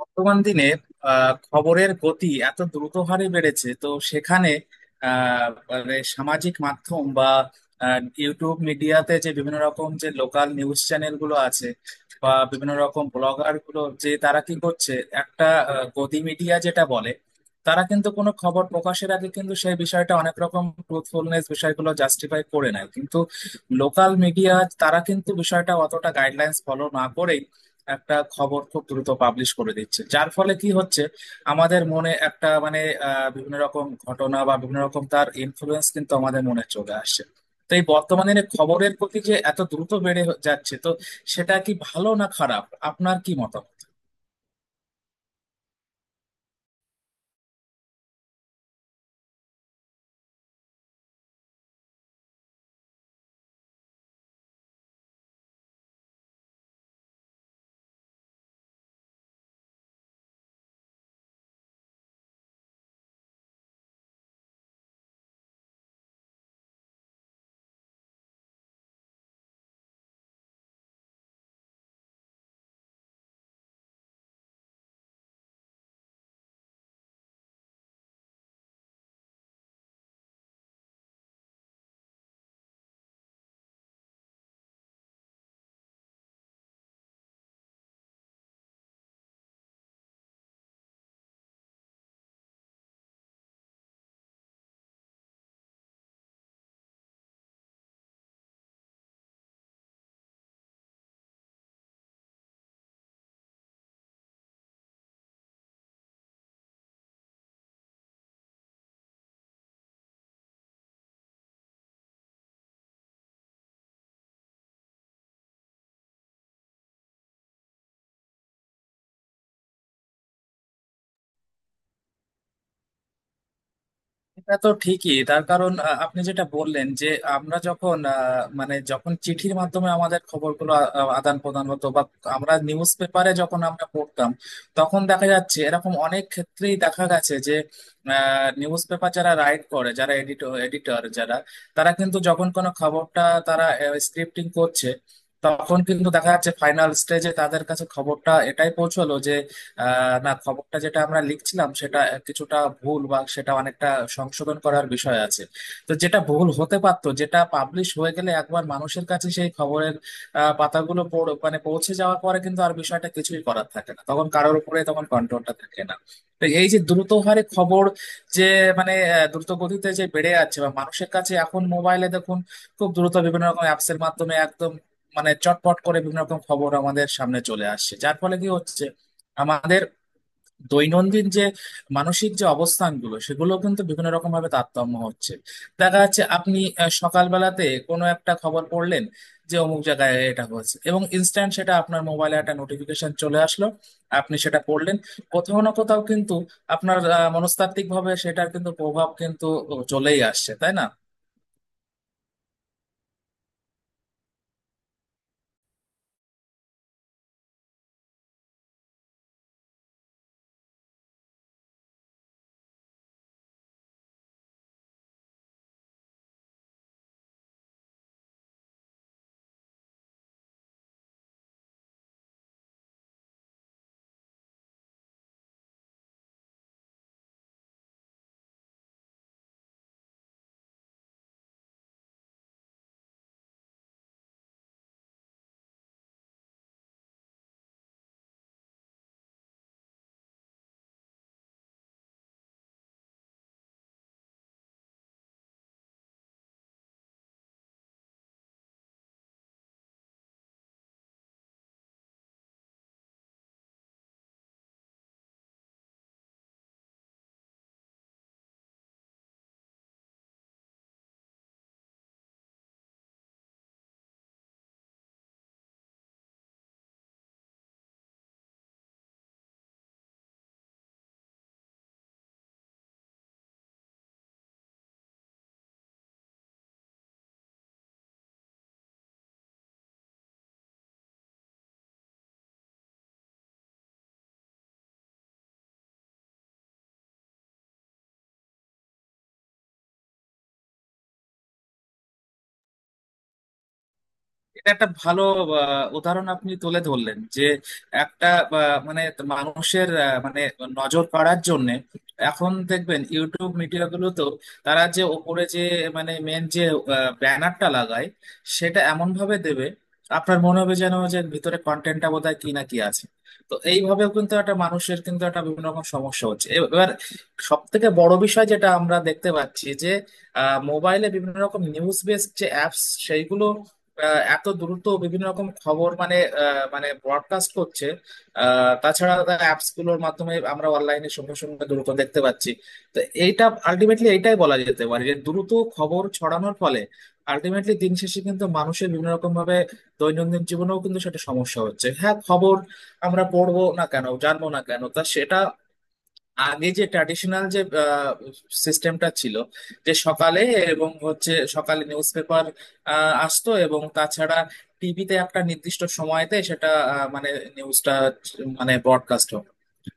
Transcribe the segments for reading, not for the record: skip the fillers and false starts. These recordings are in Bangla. বর্তমান দিনের খবরের গতি এত দ্রুত হারে বেড়েছে তো সেখানে মানে সামাজিক মাধ্যম বা ইউটিউব মিডিয়াতে যে বিভিন্ন রকম যে লোকাল নিউজ চ্যানেল গুলো আছে বা বিভিন্ন রকম ব্লগার গুলো যে তারা কি করছে, একটা গদি মিডিয়া যেটা বলে, তারা কিন্তু কোনো খবর প্রকাশের আগে কিন্তু সেই বিষয়টা অনেক রকম ট্রুথফুলনেস বিষয়গুলো জাস্টিফাই করে নেয় কিন্তু লোকাল মিডিয়া তারা কিন্তু বিষয়টা অতটা গাইডলাইন্স ফলো না করে একটা খবর খুব দ্রুত পাবলিশ করে দিচ্ছে, যার ফলে কি হচ্ছে আমাদের মনে একটা মানে বিভিন্ন রকম ঘটনা বা বিভিন্ন রকম তার ইনফ্লুয়েন্স কিন্তু আমাদের মনে চলে আসছে। তো এই বর্তমানে খবরের প্রতি যে এত দ্রুত বেড়ে যাচ্ছে তো সেটা কি ভালো না খারাপ? আপনার কি মতামত? এটা তো ঠিকই, তার কারণ আপনি যেটা বললেন যে আমরা যখন মানে যখন চিঠির মাধ্যমে আমাদের খবরগুলো আদান প্রদান হতো বা আমরা নিউজ পেপারে যখন আমরা পড়তাম তখন দেখা যাচ্ছে এরকম অনেক ক্ষেত্রেই দেখা গেছে যে নিউজ পেপার যারা রাইট করে, যারা এডিটর, এডিটর যারা তারা কিন্তু যখন কোনো খবরটা তারা স্ক্রিপ্টিং করছে তখন কিন্তু দেখা যাচ্ছে ফাইনাল স্টেজে তাদের কাছে খবরটা এটাই পৌঁছলো আহ না, খবরটা যেটা আমরা লিখছিলাম সেটা কিছুটা ভুল বা সেটা অনেকটা সংশোধন করার বিষয় আছে। তো যেটা ভুল হতে পারতো, যেটা পাবলিশ হয়ে গেলে একবার মানুষের কাছে সেই খবরের পাতাগুলো মানে পৌঁছে যাওয়ার পরে কিন্তু আর বিষয়টা কিছুই করার থাকে না, তখন কারোর উপরে তখন কন্ট্রোলটা থাকে না। তো এই যে দ্রুত হারে খবর যে মানে দ্রুত গতিতে যে বেড়ে যাচ্ছে বা মানুষের কাছে এখন মোবাইলে দেখুন, খুব দ্রুত বিভিন্ন রকম অ্যাপস এর মাধ্যমে একদম মানে চটপট করে বিভিন্ন রকম খবর আমাদের সামনে চলে আসছে, যার ফলে কি হচ্ছে আমাদের দৈনন্দিন যে মানসিক যে অবস্থানগুলো সেগুলো কিন্তু বিভিন্ন রকম ভাবে তারতম্য হচ্ছে। দেখা যাচ্ছে আপনি সকালবেলাতে কোনো একটা খবর পড়লেন যে অমুক জায়গায় এটা হয়েছে, এবং ইনস্ট্যান্ট সেটা আপনার মোবাইলে একটা নোটিফিকেশন চলে আসলো, আপনি সেটা পড়লেন, কোথাও না কোথাও কিন্তু আপনার মনস্তাত্ত্বিক ভাবে সেটার কিন্তু প্রভাব কিন্তু চলেই আসছে, তাই না? এটা একটা ভালো উদাহরণ আপনি তুলে ধরলেন যে একটা মানে মানুষের মানে নজর কাড়ার জন্য এখন দেখবেন ইউটিউব মিডিয়া গুলোতেও তারা যে ওপরে যে মানে মেন যে ব্যানারটা লাগায় সেটা এমন ভাবে দেবে আপনার মনে হবে যেন যে ভিতরে কন্টেন্টটা বোধহয় কি না কি আছে। তো এইভাবেও কিন্তু একটা মানুষের কিন্তু একটা বিভিন্ন রকম সমস্যা হচ্ছে এবার সব থেকে বড় বিষয় যেটা আমরা দেখতে পাচ্ছি যে মোবাইলে বিভিন্ন রকম নিউজ বেস যে অ্যাপস সেইগুলো আহ এত দ্রুত বিভিন্ন রকম খবর মানে মানে ব্রডকাস্ট করছে। তাছাড়া অ্যাপস গুলোর মাধ্যমে আমরা অনলাইনে সঙ্গে সঙ্গে দ্রুত দেখতে পাচ্ছি। তো এইটা আলটিমেটলি এইটাই বলা যেতে পারে যে দ্রুত খবর ছড়ানোর ফলে আলটিমেটলি দিন শেষে কিন্তু মানুষের বিভিন্ন রকম ভাবে দৈনন্দিন জীবনেও কিন্তু সেটা সমস্যা হচ্ছে। হ্যাঁ, খবর আমরা পড়বো না কেন, জানবো না কেন, তা সেটা আগে যে ট্র্যাডিশনাল যে সিস্টেমটা ছিল যে সকালে এবং হচ্ছে সকালে নিউজ পেপার আসতো এবং তাছাড়া টিভিতে একটা নির্দিষ্ট সময়তে সেটা মানে নিউজটা মানে ব্রডকাস্ট।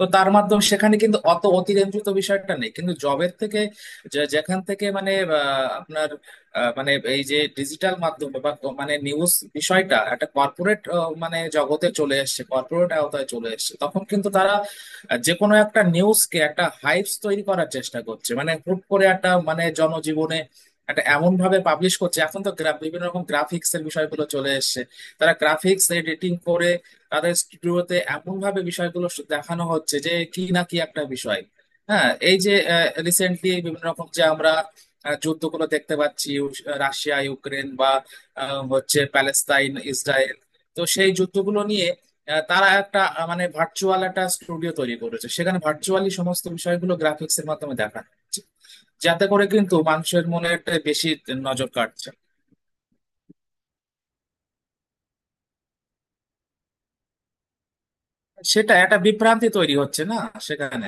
তো তার মাধ্যমে সেখানে কিন্তু অতিরঞ্জিত বিষয়টা নেই কিন্তু জবের থেকে যেখান থেকে মানে আপনার মানে এই যে ডিজিটাল মাধ্যমে বা মানে নিউজ বিষয়টা একটা কর্পোরেট মানে জগতে চলে এসেছে, কর্পোরেট আওতায় চলে এসেছে, তখন কিন্তু তারা যে কোনো একটা নিউজকে একটা হাইপস তৈরি করার চেষ্টা করছে, মানে হুট করে একটা মানে জনজীবনে একটা এমন ভাবে পাবলিশ করছে। এখন তো গ্রাফ বিভিন্ন রকম গ্রাফিক্স এর বিষয়গুলো চলে এসেছে, তারা গ্রাফিক্স এডিটিং করে তাদের স্টুডিওতে এমন ভাবে বিষয়গুলো দেখানো হচ্ছে যে কি না কি একটা বিষয়। হ্যাঁ, এই যে রিসেন্টলি বিভিন্ন রকম যে আমরা যুদ্ধগুলো দেখতে পাচ্ছি রাশিয়া ইউক্রেন বা হচ্ছে প্যালেস্তাইন ইসরায়েল, তো সেই যুদ্ধগুলো নিয়ে তারা একটা মানে ভার্চুয়াল একটা স্টুডিও তৈরি করেছে, সেখানে ভার্চুয়ালি সমস্ত বিষয়গুলো গ্রাফিক্স এর মাধ্যমে দেখানো হচ্ছে, যাতে করে কিন্তু মানুষের মনে একটা বেশি নজর কাটছে। সেটা একটা বিভ্রান্তি তৈরি হচ্ছে না সেখানে?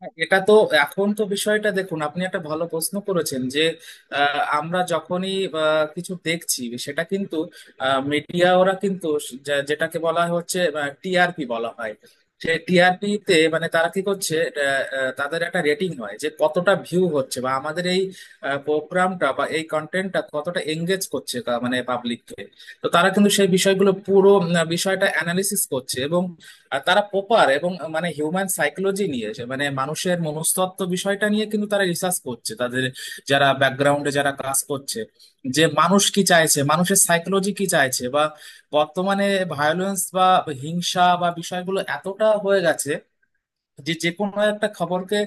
হ্যাঁ, এটা তো এখন তো বিষয়টা দেখুন আপনি একটা ভালো প্রশ্ন করেছেন যে আমরা যখনই কিছু দেখছি সেটা কিন্তু মিডিয়া ওরা কিন্তু যেটাকে বলা হচ্ছে টিআরপি বলা হয়, সে টিআরপি তে মানে তারা কি করছে আহ, আহ, তাদের একটা রেটিং হয় যে কতটা ভিউ হচ্ছে বা আমাদের এই প্রোগ্রামটা বা এই কন্টেন্টটা কতটা এঙ্গেজ করছে মানে পাবলিককে। তো তারা কিন্তু সেই বিষয়গুলো পুরো বিষয়টা অ্যানালিসিস করছে এবং আর তারা প্রপার এবং মানে হিউম্যান সাইকোলজি নিয়ে এসে মানে মানুষের মনস্তত্ত্ব বিষয়টা নিয়ে কিন্তু তারা রিসার্চ করছে, তাদের যারা ব্যাকগ্রাউন্ডে যারা কাজ করছে, যে মানুষ কি চাইছে, মানুষের সাইকোলজি কি চাইছে বা বর্তমানে ভায়োলেন্স বা হিংসা বা বিষয়গুলো এতটা হয়ে গেছে যে যে কোনো একটা খবরকে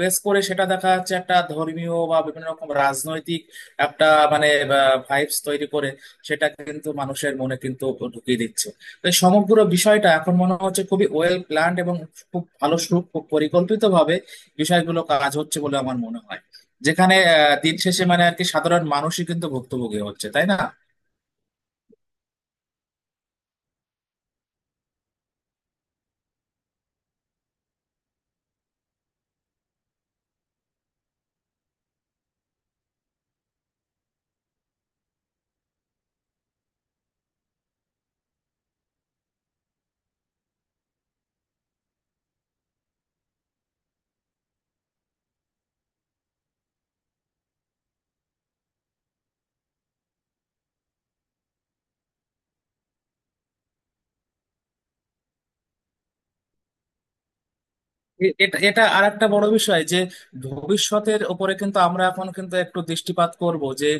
বেস করে সেটা দেখা যাচ্ছে একটা ধর্মীয় বা বিভিন্ন রকম রাজনৈতিক একটা মানে ভাইবস তৈরি করে সেটা কিন্তু মানুষের মনে কিন্তু ঢুকিয়ে দিচ্ছে। তো এই সমগ্র বিষয়টা এখন মনে হচ্ছে খুবই ওয়েল প্ল্যান্ড এবং খুব ভালো সু পরিকল্পিত ভাবে বিষয়গুলো কাজ হচ্ছে বলে আমার মনে হয়, যেখানে দিন শেষে মানে আর কি সাধারণ মানুষই কিন্তু ভুক্তভোগী হচ্ছে, তাই না? এ- এটা এটা আর একটা বড় বিষয় যে ভবিষ্যতের উপরে কিন্তু আমরা এখন কিন্তু একটু দৃষ্টিপাত করব যে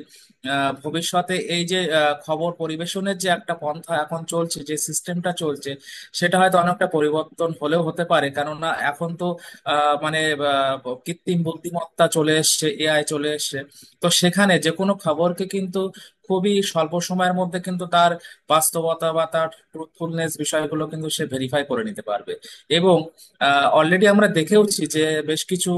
ভবিষ্যতে এই যে খবর পরিবেশনের যে একটা পন্থা এখন চলছে, যে সিস্টেমটা চলছে সেটা হয়তো অনেকটা পরিবর্তন হলেও হতে পারে, কেননা এখন তো আহ, মানে কৃত্রিম বুদ্ধিমত্তা চলে এসছে, এআই চলে এসছে। তো সেখানে যে কোনো খবরকে কিন্তু খুবই স্বল্প সময়ের মধ্যে কিন্তু তার বাস্তবতা বা তার ট্রুথফুলনেস বিষয়গুলো কিন্তু সে ভেরিফাই করে নিতে পারবে। এবং অলরেডি আমরা দেখেওছি যে বেশ কিছু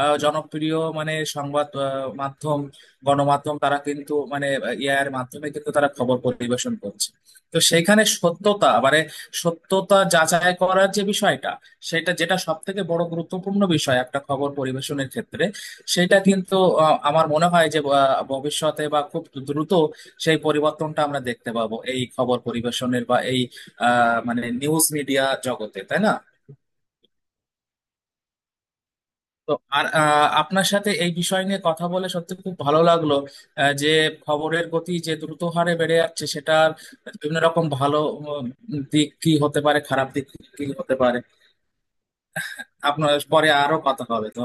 জনপ্রিয় মানে সংবাদ মাধ্যম গণমাধ্যম তারা কিন্তু মানে ইয়ার মাধ্যমে কিন্তু তারা খবর পরিবেশন করছে। তো সেখানে সত্যতা মানে সত্যতা যাচাই করার যে বিষয়টা সেটা যেটা সব থেকে বড় গুরুত্বপূর্ণ বিষয় একটা খবর পরিবেশনের ক্ষেত্রে, সেটা কিন্তু আমার মনে হয় যে ভবিষ্যতে বা খুব দ্রুত সেই পরিবর্তনটা আমরা দেখতে পাবো এই খবর পরিবেশনের বা এই আহ মানে নিউজ মিডিয়া জগতে, তাই না? তো আর আপনার সাথে এই বিষয় নিয়ে কথা বলে সত্যি খুব ভালো লাগলো যে খবরের গতি যে দ্রুত হারে বেড়ে যাচ্ছে সেটার বিভিন্ন রকম ভালো দিক কি হতে পারে, খারাপ দিক কি হতে পারে। আপনার পরে আরো কথা হবে তো।